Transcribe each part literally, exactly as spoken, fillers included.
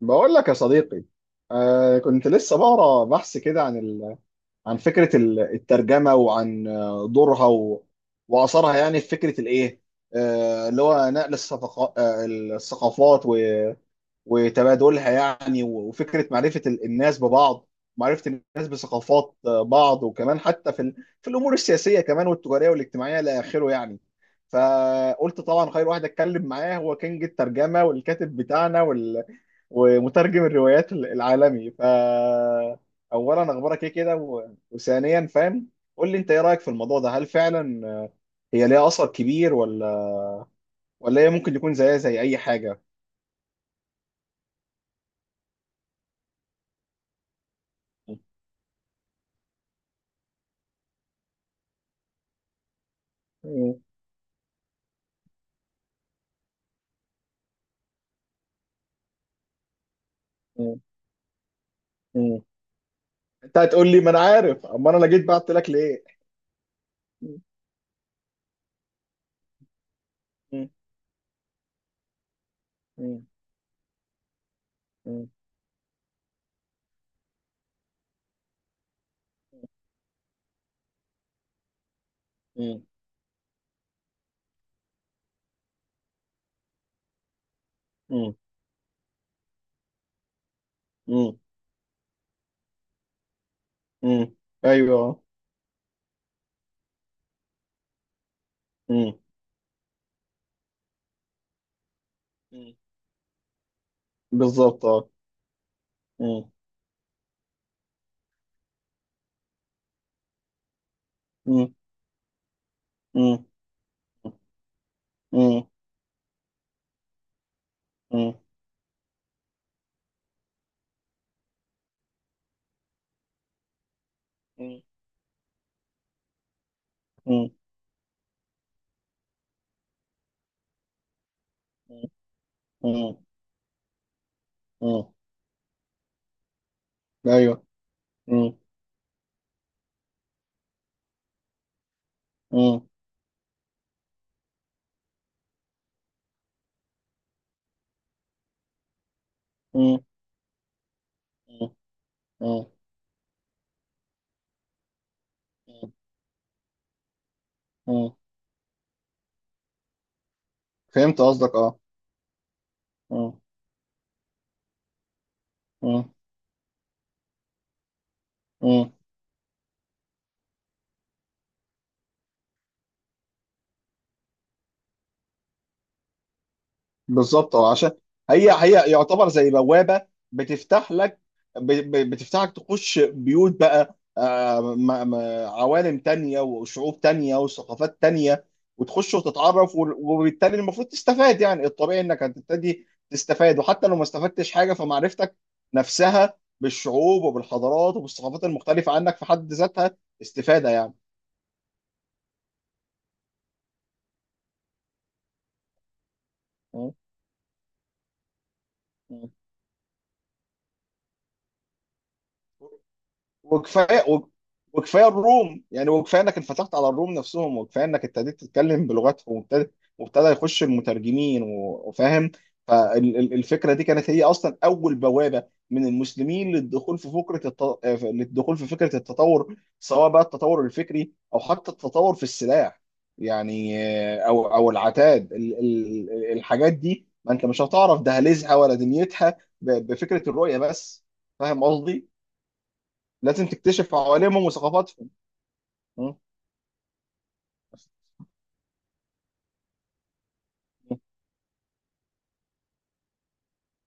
بقول لك يا صديقي. آه كنت لسه بقرا بحث كده عن ال... عن فكره ال- الترجمه، وعن آه، دورها و... واثرها، يعني في فكره الايه، آه اللي هو نقل الصفق... آه الثقافات و... وتبادلها يعني، و... وفكره معرفه ال- الناس ببعض، معرفه الناس بثقافات آه، بعض، وكمان حتى في ال... في الامور السياسيه كمان، والتجاريه والاجتماعيه الى اخره يعني. فقلت طبعا خير، واحد اتكلم معاه هو كينج الترجمه والكاتب بتاعنا وال... ومترجم الروايات ال- العالمي. ف اولا اخبارك ايه كده، و... وثانيا فاهم، قول لي انت ايه رايك في الموضوع ده. هل فعلا آه، هي ليها اثر كبير، ولا ولا هي ممكن يكون زيها زي اي حاجه؟ م- م- م. انت هتقول لي ما انا عارف، اما انا لا جيت بعت لك ليه. م- م- م- م- م- م- م- م. ايوه. م- م. بالظبط، اه. م- م- م- م- م- م- م- م- م. م. ايوه. مم. مم. مم. مم. مم. مم. فهمت قصدك، اه. مم. مم. بالظبط، اه. عشان هي هي يعتبر زي بوابه بتفتح لك، ب- ب- بتفتحك تخش بيوت بقى، آه، م- م- عوالم تانية وشعوب تانية وثقافات تانية، وتخش وتتعرف، وال- وبالتالي المفروض تستفاد. يعني الطبيعي انك هتبتدي تستفاد، وحتى لو ما استفدتش حاجة فمعرفتك نفسها بالشعوب وبالحضارات وبالثقافات المختلفة عنك في حد ذاتها استفادة. يعني وكفايه، و- وكفايه الروم، يعني وكفايه انك انفتحت على الروم نفسهم، وكفايه انك ابتديت تتكلم بلغتهم، وابتدى وابتدى يخش المترجمين، و- وفاهم. فالفكره دي كانت هي اصلا اول بوابه من المسلمين للدخول في فكره الت... آه، للدخول في فكره التطور، سواء بقى التطور الفكري او حتى التطور في السلاح يعني، آه، او او العتاد، ال... ال... الحاجات دي ما انت مش هتعرف دهاليزها ولا دنيتها ب... بفكره الرؤيه بس. فاهم قصدي؟ لازم تكتشف عوالمهم وثقافاتهم. مم.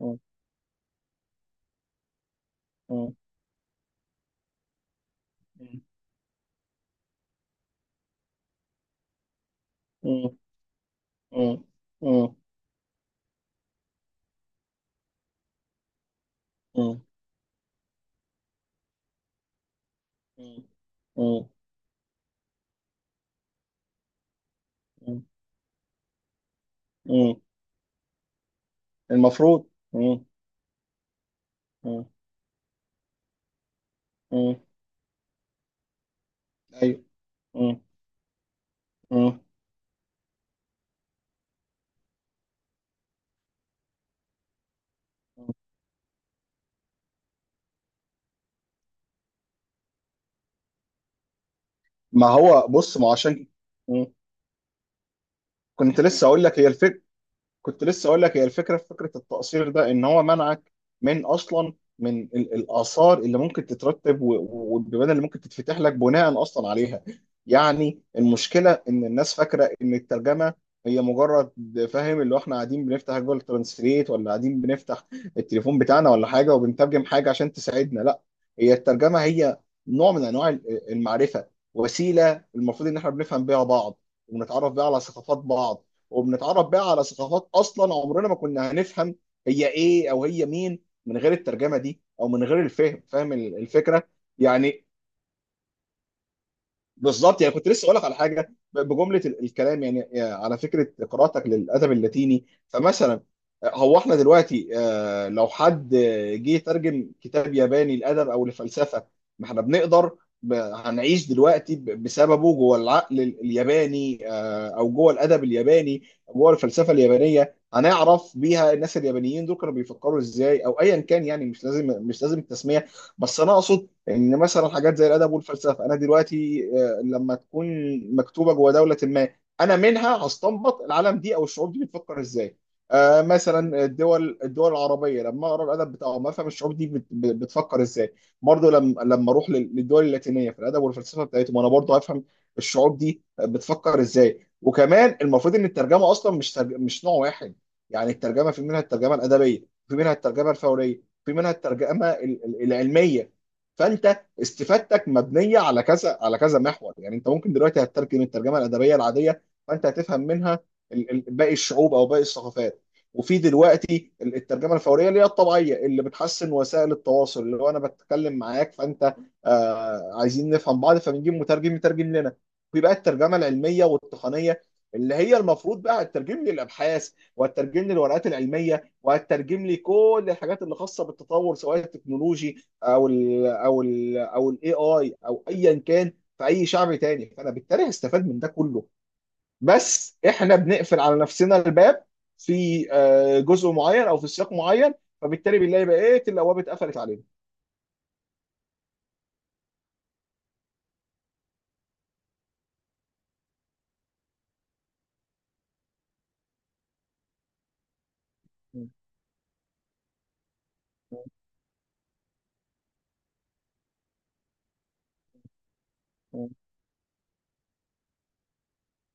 مم. مم. مم. مم. مم. مم. مم. مم. مم. المفروض. مم. مم. مم. ايوه. مم. مم. ما هو بص، ما هو عشان. مم. كنت لسه اقول لك هي الفكره كنت لسه اقول لك هي الفكره في فكره التقصير ده، ان هو منعك من اصلا من ال- الاثار اللي ممكن تترتب، و- و- والبيبان اللي ممكن تتفتح لك بناء اصلا عليها. يعني المشكله ان الناس فاكره ان الترجمه هي مجرد، فاهم، اللي هو احنا قاعدين بنفتح جوجل ترانسليت، ولا قاعدين بنفتح التليفون بتاعنا ولا حاجه وبنترجم حاجه عشان تساعدنا. لا، هي الترجمه هي نوع من انواع ال- المعرفه، وسيله المفروض ان احنا بنفهم بيها بعض، ونتعرف بيها على ثقافات بعض، وبنتعرف بقى على ثقافات اصلا عمرنا ما كنا هنفهم هي ايه او هي مين من غير الترجمه دي، او من غير الفهم. فاهم ال- الفكره؟ يعني بالظبط. يعني كنت لسه اقول لك على حاجه، ب- بجمله ال- الكلام يعني، يعني على فكره قراءتك للادب اللاتيني، فمثلا آه، هو احنا دلوقتي، آه، لو حد آه، جه يترجم كتاب ياباني لادب او لفلسفه، ما احنا بنقدر، ب- هنعيش دلوقتي ب- بسببه جوه العقل ال- الياباني، آه، او جوه الادب الياباني، جوه الفلسفه اليابانيه، هنعرف بيها الناس اليابانيين دول كانوا بيفكروا ازاي، او ايا كان، يعني مش لازم مش لازم التسميه. بس انا اقصد ان مثلا حاجات زي الادب والفلسفه، انا دلوقتي آه، لما تكون مكتوبه جوه دوله ما، انا منها هستنبط العالم دي او الشعوب دي بتفكر ازاي. آه، مثلا الدول الدول العربيه لما اقرا الادب بتاعهم افهم الشعوب دي بت- ب- بتفكر ازاي. برضه لما لما اروح لل- للدول اللاتينيه، في الادب والفلسفه بتاعتهم انا برضه هفهم الشعوب دي بتفكر ازاي. وكمان المفروض ان الترجمه اصلا مش ترج... مش نوع واحد. يعني الترجمه في منها الترجمه الادبيه، في منها الترجمه الفوريه، في منها الترجمه ال- ال- العلميه. فانت استفادتك مبنيه على كذا، على كذا محور. يعني انت ممكن دلوقتي هتترجم الترجمه الادبيه العاديه، فانت هتفهم منها ال- ال- باقي الشعوب او باقي الثقافات. وفي دلوقتي ال- الترجمه الفوريه اللي هي الطبيعيه، اللي بتحسن وسائل التواصل، اللي هو انا بتكلم معاك فانت، آه عايزين نفهم بعض فبنجيب مترجم يترجم لنا. في بقى الترجمه العلميه والتقنيه، اللي هي المفروض بقى هتترجم لي الابحاث، وهتترجم لي الورقات العلميه، وهتترجم لي كل الحاجات اللي خاصه بالتطور، سواء التكنولوجي او ال او ال او الاي اي، او ايا كان في اي شعب تاني، فانا بالتالي هستفاد من ده كله. بس احنا بنقفل على نفسنا الباب في آه، جزء معين، او في سياق معين، فبالتالي بنلاقي بقيه الابواب اتقفلت علينا. مم. مم.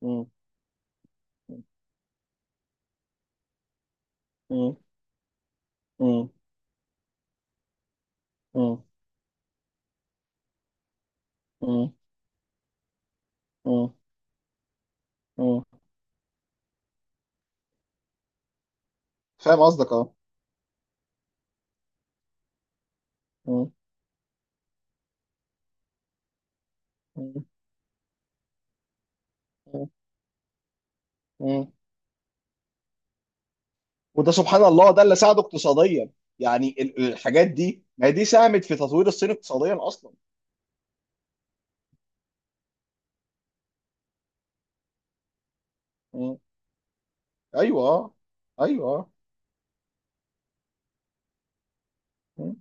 مم. مم. مم. مم. مم. مم. مم. فاهم قصدك، اه. مم. مم. مم. وده سبحان الله ده اللي ساعده اقتصاديا. يعني ال- الحاجات دي، ما هي دي ساهمت في تطوير الصين اقتصاديا اصلا. ايوه آه، ايوه، آه. م-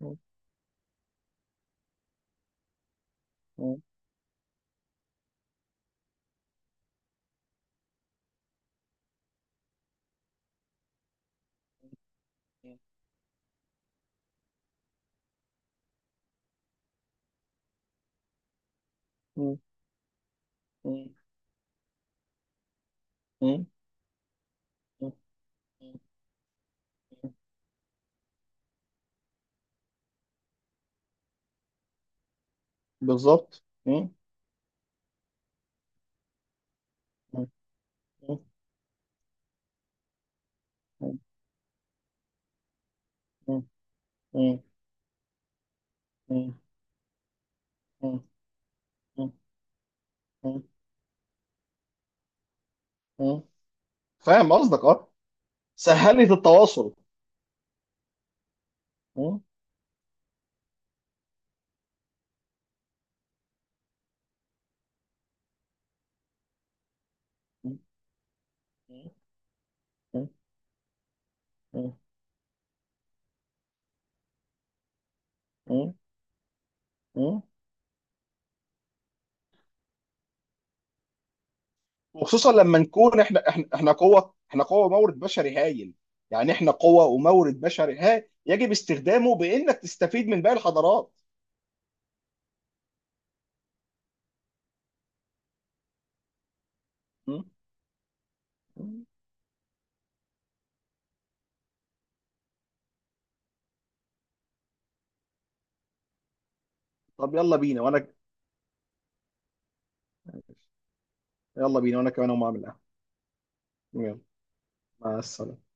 م- م- م- م- م- م- م- بالظبط. م- م- م- م- م- م- م- م- م- م- م. فاهم قصدك، اه. سهلت التواصل. م- م- م- م- م- م. وخصوصا لما نكون احنا احنا احنا قوه احنا قوه مورد بشري هايل. يعني احنا قوه ومورد بشري هايل يجب استخدامه بانك تستفيد من باقي الحضارات. م. طب يلا بينا وانا يلا بينا وانا كمان اقوم اعمل قهوة. يلا. مع السلامة.